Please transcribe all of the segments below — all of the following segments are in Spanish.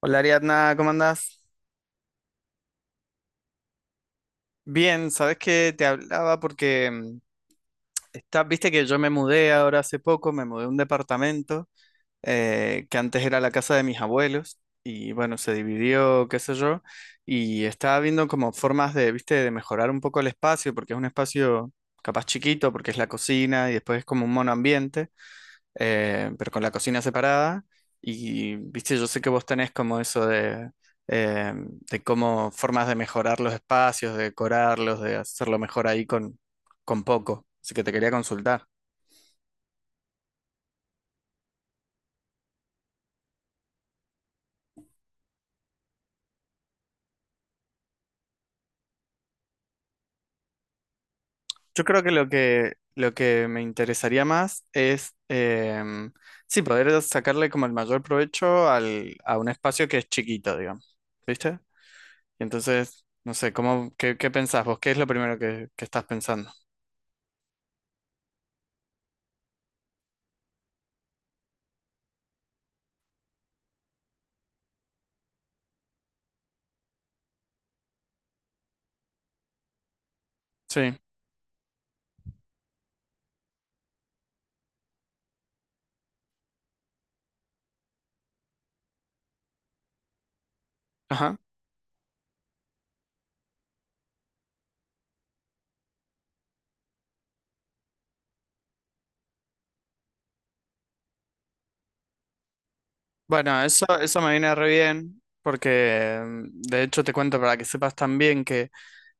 Hola Ariadna, ¿cómo andás? Bien, sabes que te hablaba porque está, viste que yo me mudé ahora hace poco, me mudé a un departamento que antes era la casa de mis abuelos y bueno, se dividió, qué sé yo, y estaba viendo como formas de, viste, de mejorar un poco el espacio porque es un espacio capaz chiquito porque es la cocina y después es como un monoambiente. Pero con la cocina separada. Y, viste, yo sé que vos tenés como eso eh, de cómo formas de mejorar los espacios, de decorarlos, de hacerlo mejor ahí con poco. Así que te quería consultar. Yo creo que lo que me interesaría más es, sí, poder sacarle como el mayor provecho a un espacio que es chiquito, digamos. ¿Viste? Y entonces, no sé, ¿cómo, qué pensás vos? ¿Qué es lo primero que estás pensando? Sí. Ajá. Bueno, eso me viene re bien, porque de hecho te cuento para que sepas también que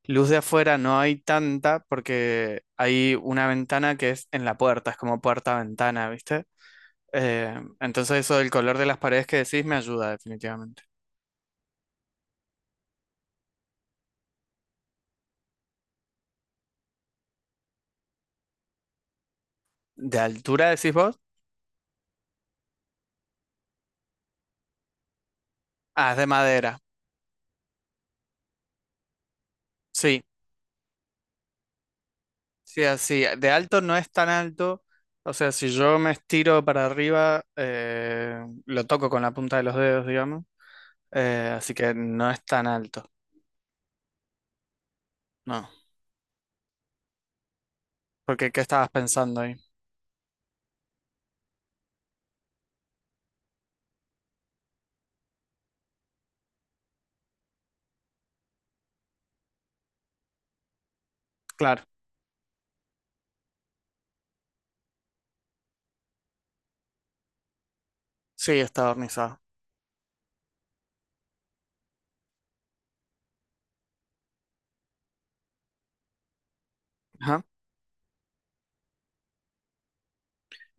luz de afuera no hay tanta, porque hay una ventana que es en la puerta, es como puerta-ventana, ¿viste? Entonces eso del color de las paredes que decís me ayuda definitivamente. ¿De altura decís vos? Ah, es de madera. Sí, sí, así. De alto no es tan alto. O sea, si yo me estiro para arriba, lo toco con la punta de los dedos, digamos. Así que no es tan alto. No. Porque, ¿qué estabas pensando ahí? Claro, sí, está barnizado. Ajá.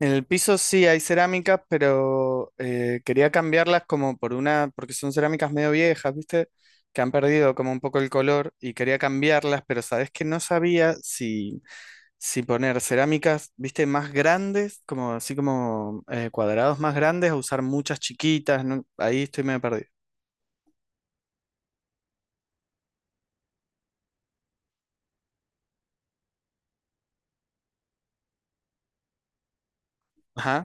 En el piso sí hay cerámicas, pero quería cambiarlas como por una, porque son cerámicas medio viejas, ¿viste? Que han perdido como un poco el color y quería cambiarlas, pero sabes que no sabía si, si poner cerámicas, ¿viste? Más grandes, como así como cuadrados más grandes o usar muchas chiquitas, no. Ahí estoy medio perdido. Ajá,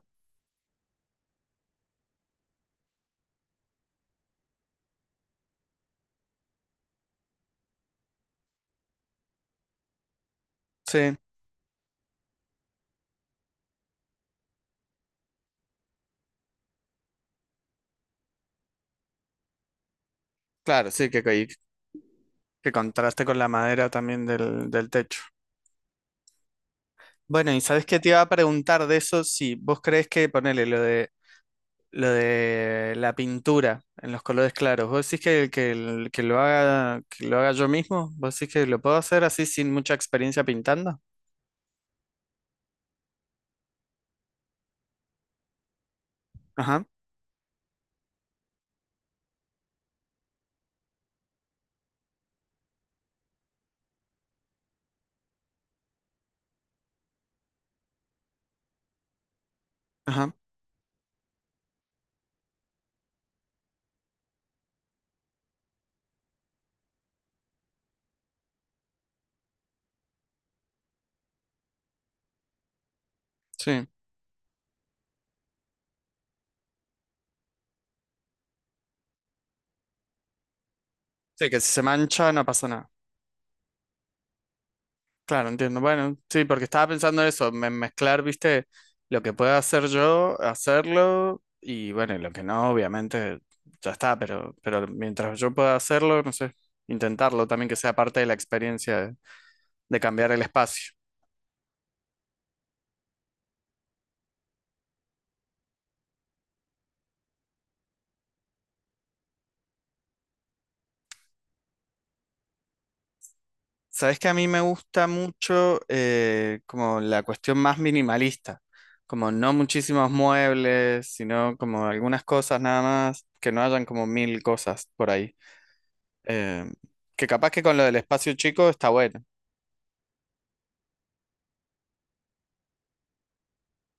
sí, claro, sí, que contraste con la madera también del, del techo. Bueno, y sabes qué te iba a preguntar de eso, si vos crees que, ponele, lo de la pintura en los colores claros, vos decís que, el- que lo haga yo mismo, vos decís que lo puedo hacer así sin mucha experiencia pintando. Ajá, ajá, sí. Sí, que si se mancha no pasa nada. Claro, entiendo. Bueno, sí, porque estaba pensando eso, me- mezclar, viste, lo que pueda hacer yo, hacerlo, y bueno, y lo que no, obviamente, ya está, pero mientras yo pueda hacerlo, no sé, intentarlo también que sea parte de la experiencia de cambiar el espacio. Sabes que a mí me gusta mucho como la cuestión más minimalista, como no muchísimos muebles, sino como algunas cosas nada más, que no hayan como mil cosas por ahí. Eh, que capaz que con lo del espacio chico está bueno.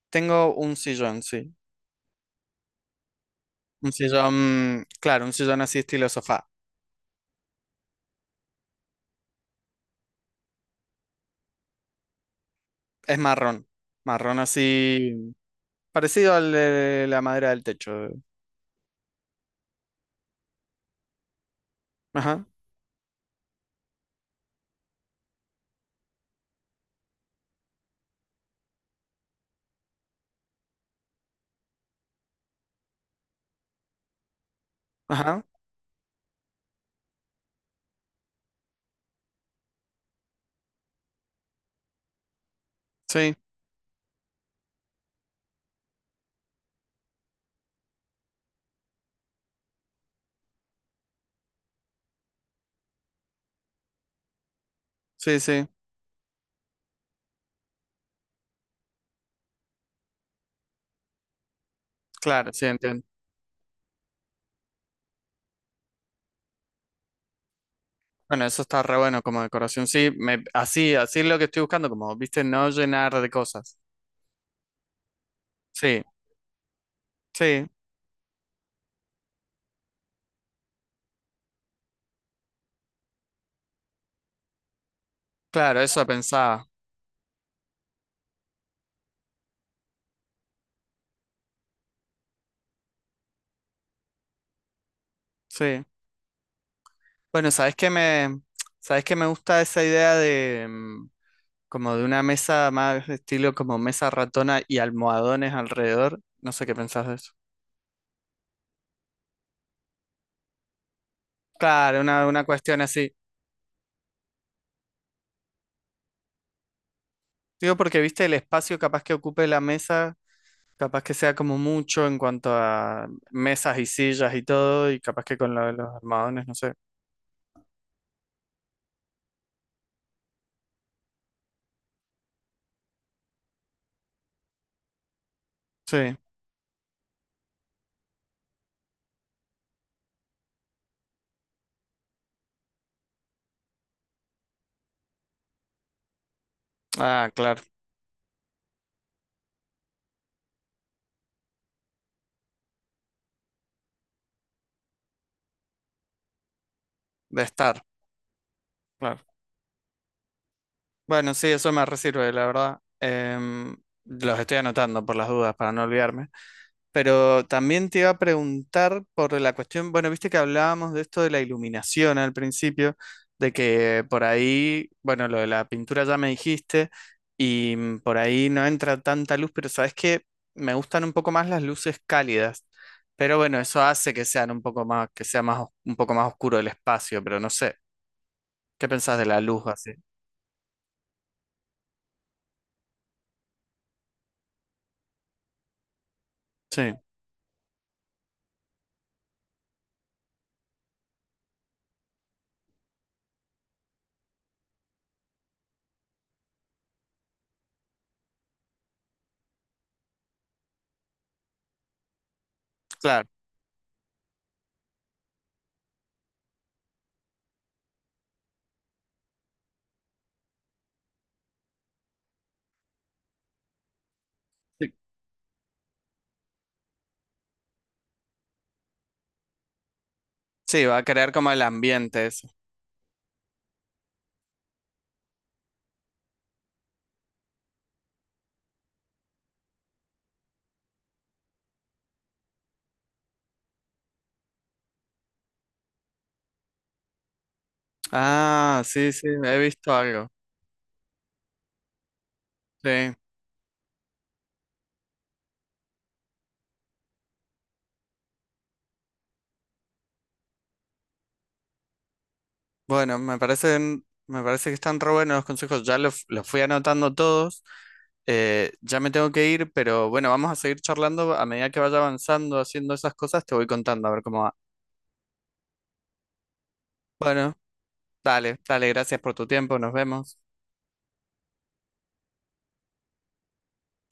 Tengo un sillón, sí. Un sillón, claro, un sillón así estilo sofá. Es marrón. Marrón así, parecido al de la madera del techo. Ajá, ajá. Sí, sí, sí. Claro, sí, entiendo. Bueno, eso está re bueno como decoración. Sí, me, así, así es lo que estoy buscando, como, viste, no llenar de cosas. Sí, sí, claro, eso pensaba. Sí. Bueno, sabes qué me gusta esa idea de, como de una mesa más estilo como mesa ratona y almohadones alrededor? No sé qué pensás de eso. Claro, una cuestión así. Digo, porque viste el espacio capaz que ocupe la mesa, capaz que sea como mucho en cuanto a mesas y sillas y todo, y capaz que con lo de los almohadones, no sé. Sí, ah, claro, de estar, claro. Bueno, sí, eso me resirve, la verdad. Los estoy anotando por las dudas para no olvidarme. Pero también te iba a preguntar por la cuestión, bueno, viste que hablábamos de esto de la iluminación al principio, de que por ahí, bueno, lo de la pintura ya me dijiste, y por ahí no entra tanta luz, pero sabes que me gustan un poco más las luces cálidas. Pero bueno, eso hace que sean un poco más, que sea más, os- un poco más oscuro el espacio, pero no sé. ¿Qué pensás de la luz así? Sí, claro. Sí, sí, va a crear como el ambiente eso. Ah, sí, sí, he visto algo. Sí. Bueno, me parecen, me parece que están re buenos los consejos. Ya los fui anotando todos. Ya me tengo que ir, pero bueno, vamos a seguir charlando. A medida que vaya avanzando, haciendo esas cosas, te voy contando a ver cómo va. Bueno, dale, dale, gracias por tu tiempo. Nos vemos.